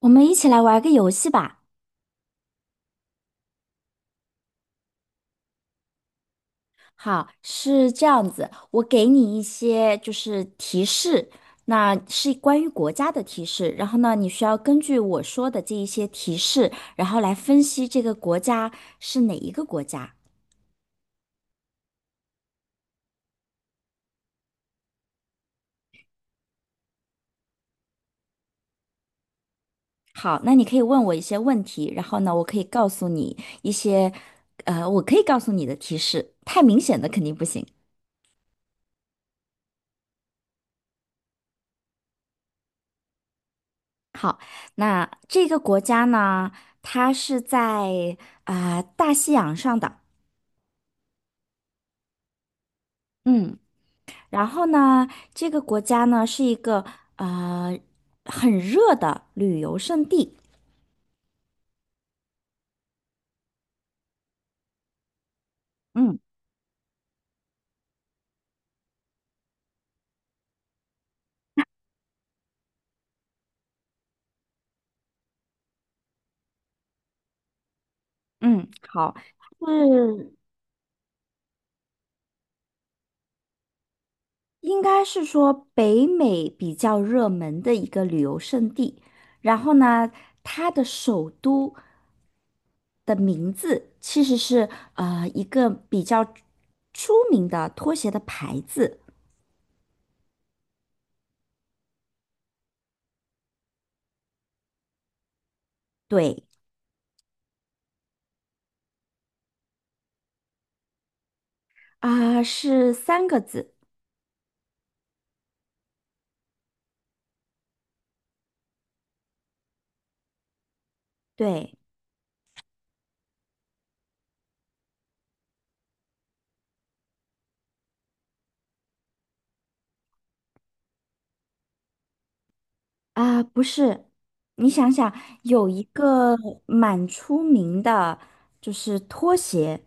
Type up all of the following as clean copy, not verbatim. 我们一起来玩个游戏吧。好，是这样子，我给你一些就是提示，那是关于国家的提示，然后呢，你需要根据我说的这一些提示，然后来分析这个国家是哪一个国家。好，那你可以问我一些问题，然后呢，我可以告诉你一些，我可以告诉你的提示，太明显的肯定不行。好，那这个国家呢，它是在大西洋上的，嗯。然后呢，这个国家呢是一个呃很热的旅游胜地。嗯嗯，好，是应该是说北美比较热门的一个旅游胜地。然后呢，它的首都的名字其实是一个比较出名的拖鞋的牌子。对啊，是三个字。对。啊，不是，你想想，有一个蛮出名的，就是拖鞋，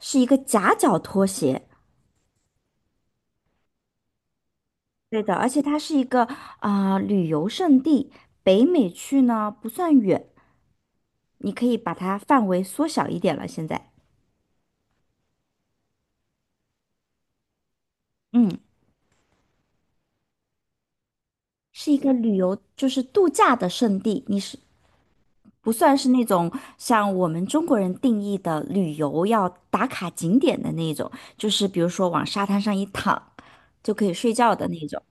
是一个夹脚拖鞋。对的，而且它是一个旅游胜地，北美去呢不算远，你可以把它范围缩小一点了。现在，嗯，是一个旅游就是度假的胜地，你是不算是那种像我们中国人定义的旅游要打卡景点的那种，就是比如说往沙滩上一躺就可以睡觉的那种。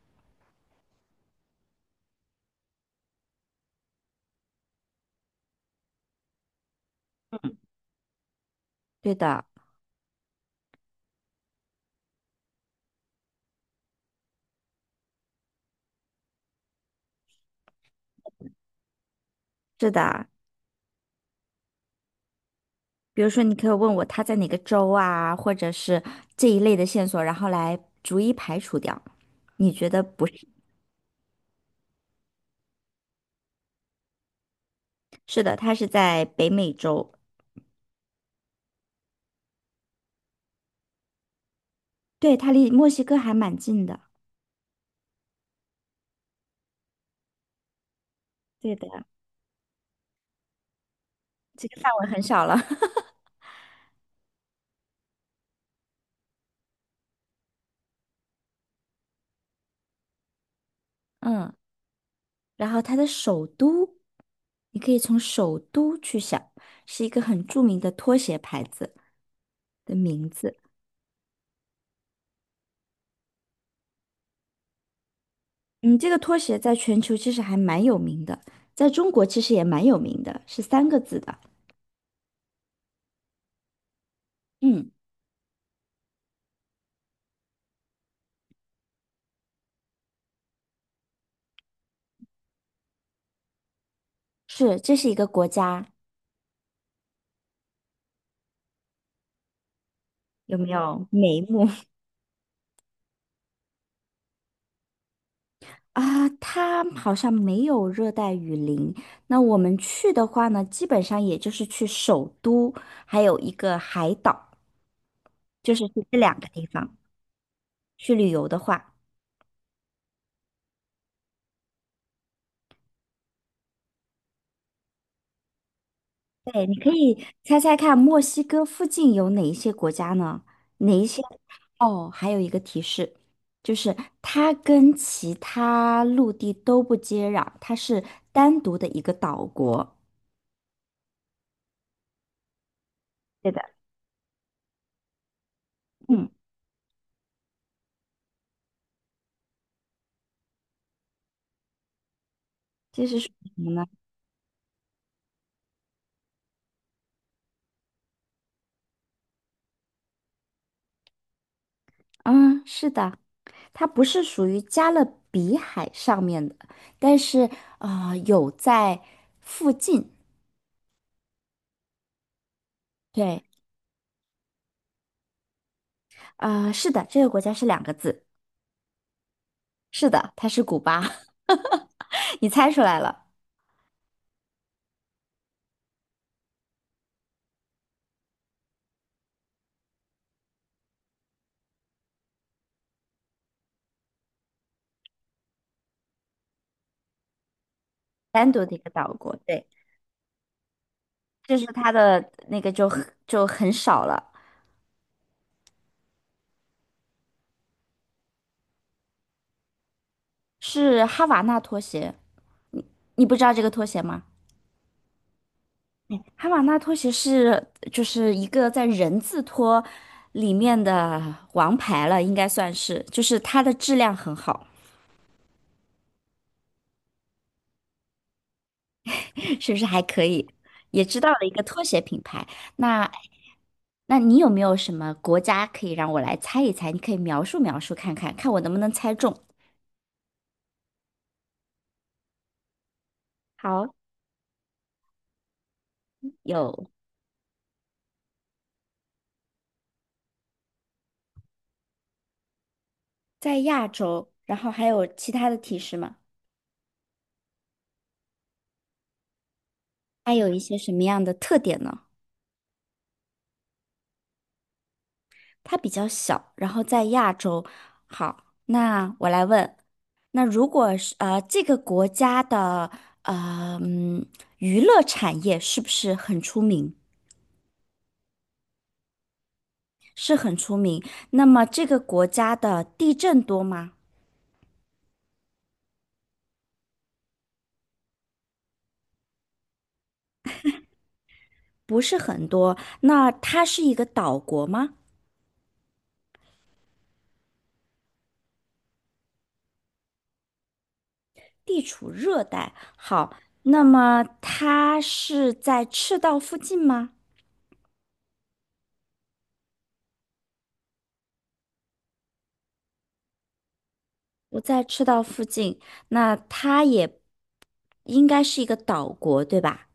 对的，是的。比如说，你可以问我他在哪个州啊，或者是这一类的线索，然后来逐一排除掉。你觉得不是？是的，他是在北美洲，对，他离墨西哥还蛮近的。对的，这个范围很小了。嗯。然后它的首都，你可以从首都去想，是一个很著名的拖鞋牌子的名字。嗯，这个拖鞋在全球其实还蛮有名的，在中国其实也蛮有名的，是三个字的。嗯，是，这是一个国家，有没有眉目 啊？它好像没有热带雨林。那我们去的话呢，基本上也就是去首都，还有一个海岛，就是去这两个地方去旅游的话。对，你可以猜猜看，墨西哥附近有哪一些国家呢？哪一些？哦，还有一个提示，就是它跟其他陆地都不接壤，它是单独的一个岛国。对的，嗯，这是属于什么呢？嗯，是的，它不是属于加勒比海上面的，但是有在附近。对，是的，这个国家是两个字。是的，它是古巴，你猜出来了。单独的一个岛国，对，就是它的那个就很就很少了，是哈瓦那拖鞋，你不知道这个拖鞋吗？哈瓦那拖鞋是就是一个在人字拖里面的王牌了，应该算是，就是它的质量很好，是不是还可以？也知道了一个拖鞋品牌，那那你有没有什么国家可以让我来猜一猜？你可以描述描述看看，看我能不能猜中。好，有。在亚洲，然后还有其他的提示吗？它有一些什么样的特点呢？它比较小，然后在亚洲。好，那我来问，那如果是这个国家的呃嗯娱乐产业是不是很出名？是很出名。那么这个国家的地震多吗？不是很多。那它是一个岛国吗？地处热带。好，那么它是在赤道附近吗？我在赤道附近，那它也应该是一个岛国，对吧？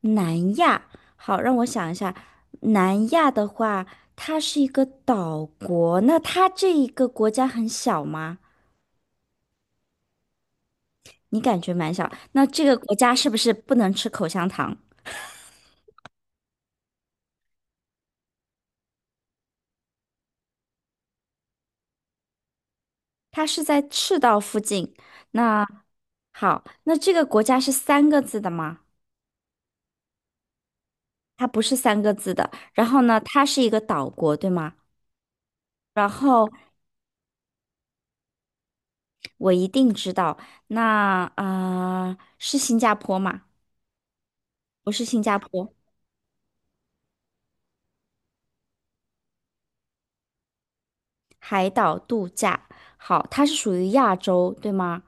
南亚，好，让我想一下，南亚的话，它是一个岛国，那它这一个国家很小吗？你感觉蛮小，那这个国家是不是不能吃口香糖？它是在赤道附近，那好，那这个国家是三个字的吗？它不是三个字的，然后呢，它是一个岛国，对吗？然后。我一定知道。那是新加坡吗？不是新加坡，海岛度假。好，它是属于亚洲，对吗？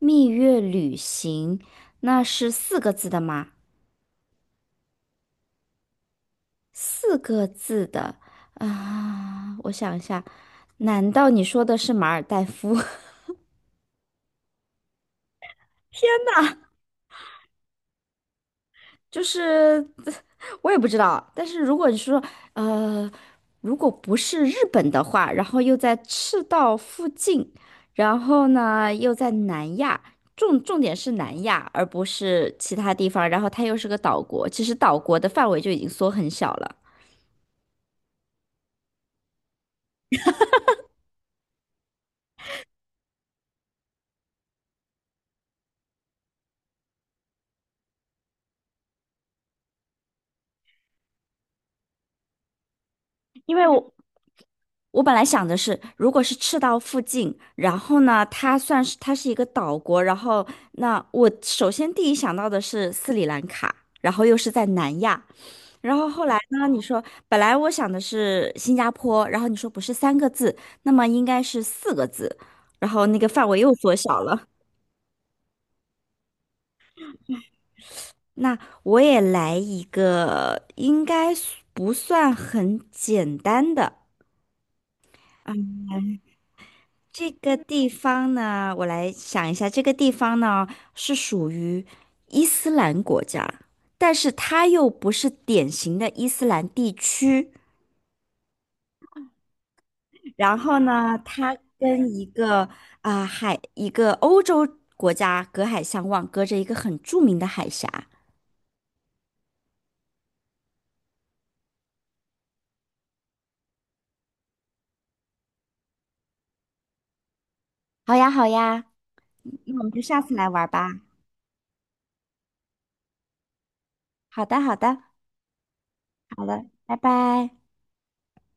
蜜月旅行，那是四个字的吗？四个字的我想一下，难道你说的是马尔代夫？就是 我也不知道，但是如果你说呃，如果不是日本的话，然后又在赤道附近，然后呢又在南亚，重点是南亚，而不是其他地方，然后它又是个岛国，其实岛国的范围就已经缩很小了。因为我本来想的是，如果是赤道附近，然后呢，它是一个岛国，然后那我首先第一想到的是斯里兰卡，然后又是在南亚，然后后来呢，你说本来我想的是新加坡，然后你说不是三个字，那么应该是四个字，然后那个范围又缩小了。那我也来一个，应该不算很简单的。这个地方呢，我来想一下，这个地方呢是属于伊斯兰国家，但是它又不是典型的伊斯兰地区。然后呢，它跟一个一个欧洲国家隔海相望，隔着一个很著名的海峡。好呀，好呀，那我们就下次来玩吧。好的，好的，好了，拜拜。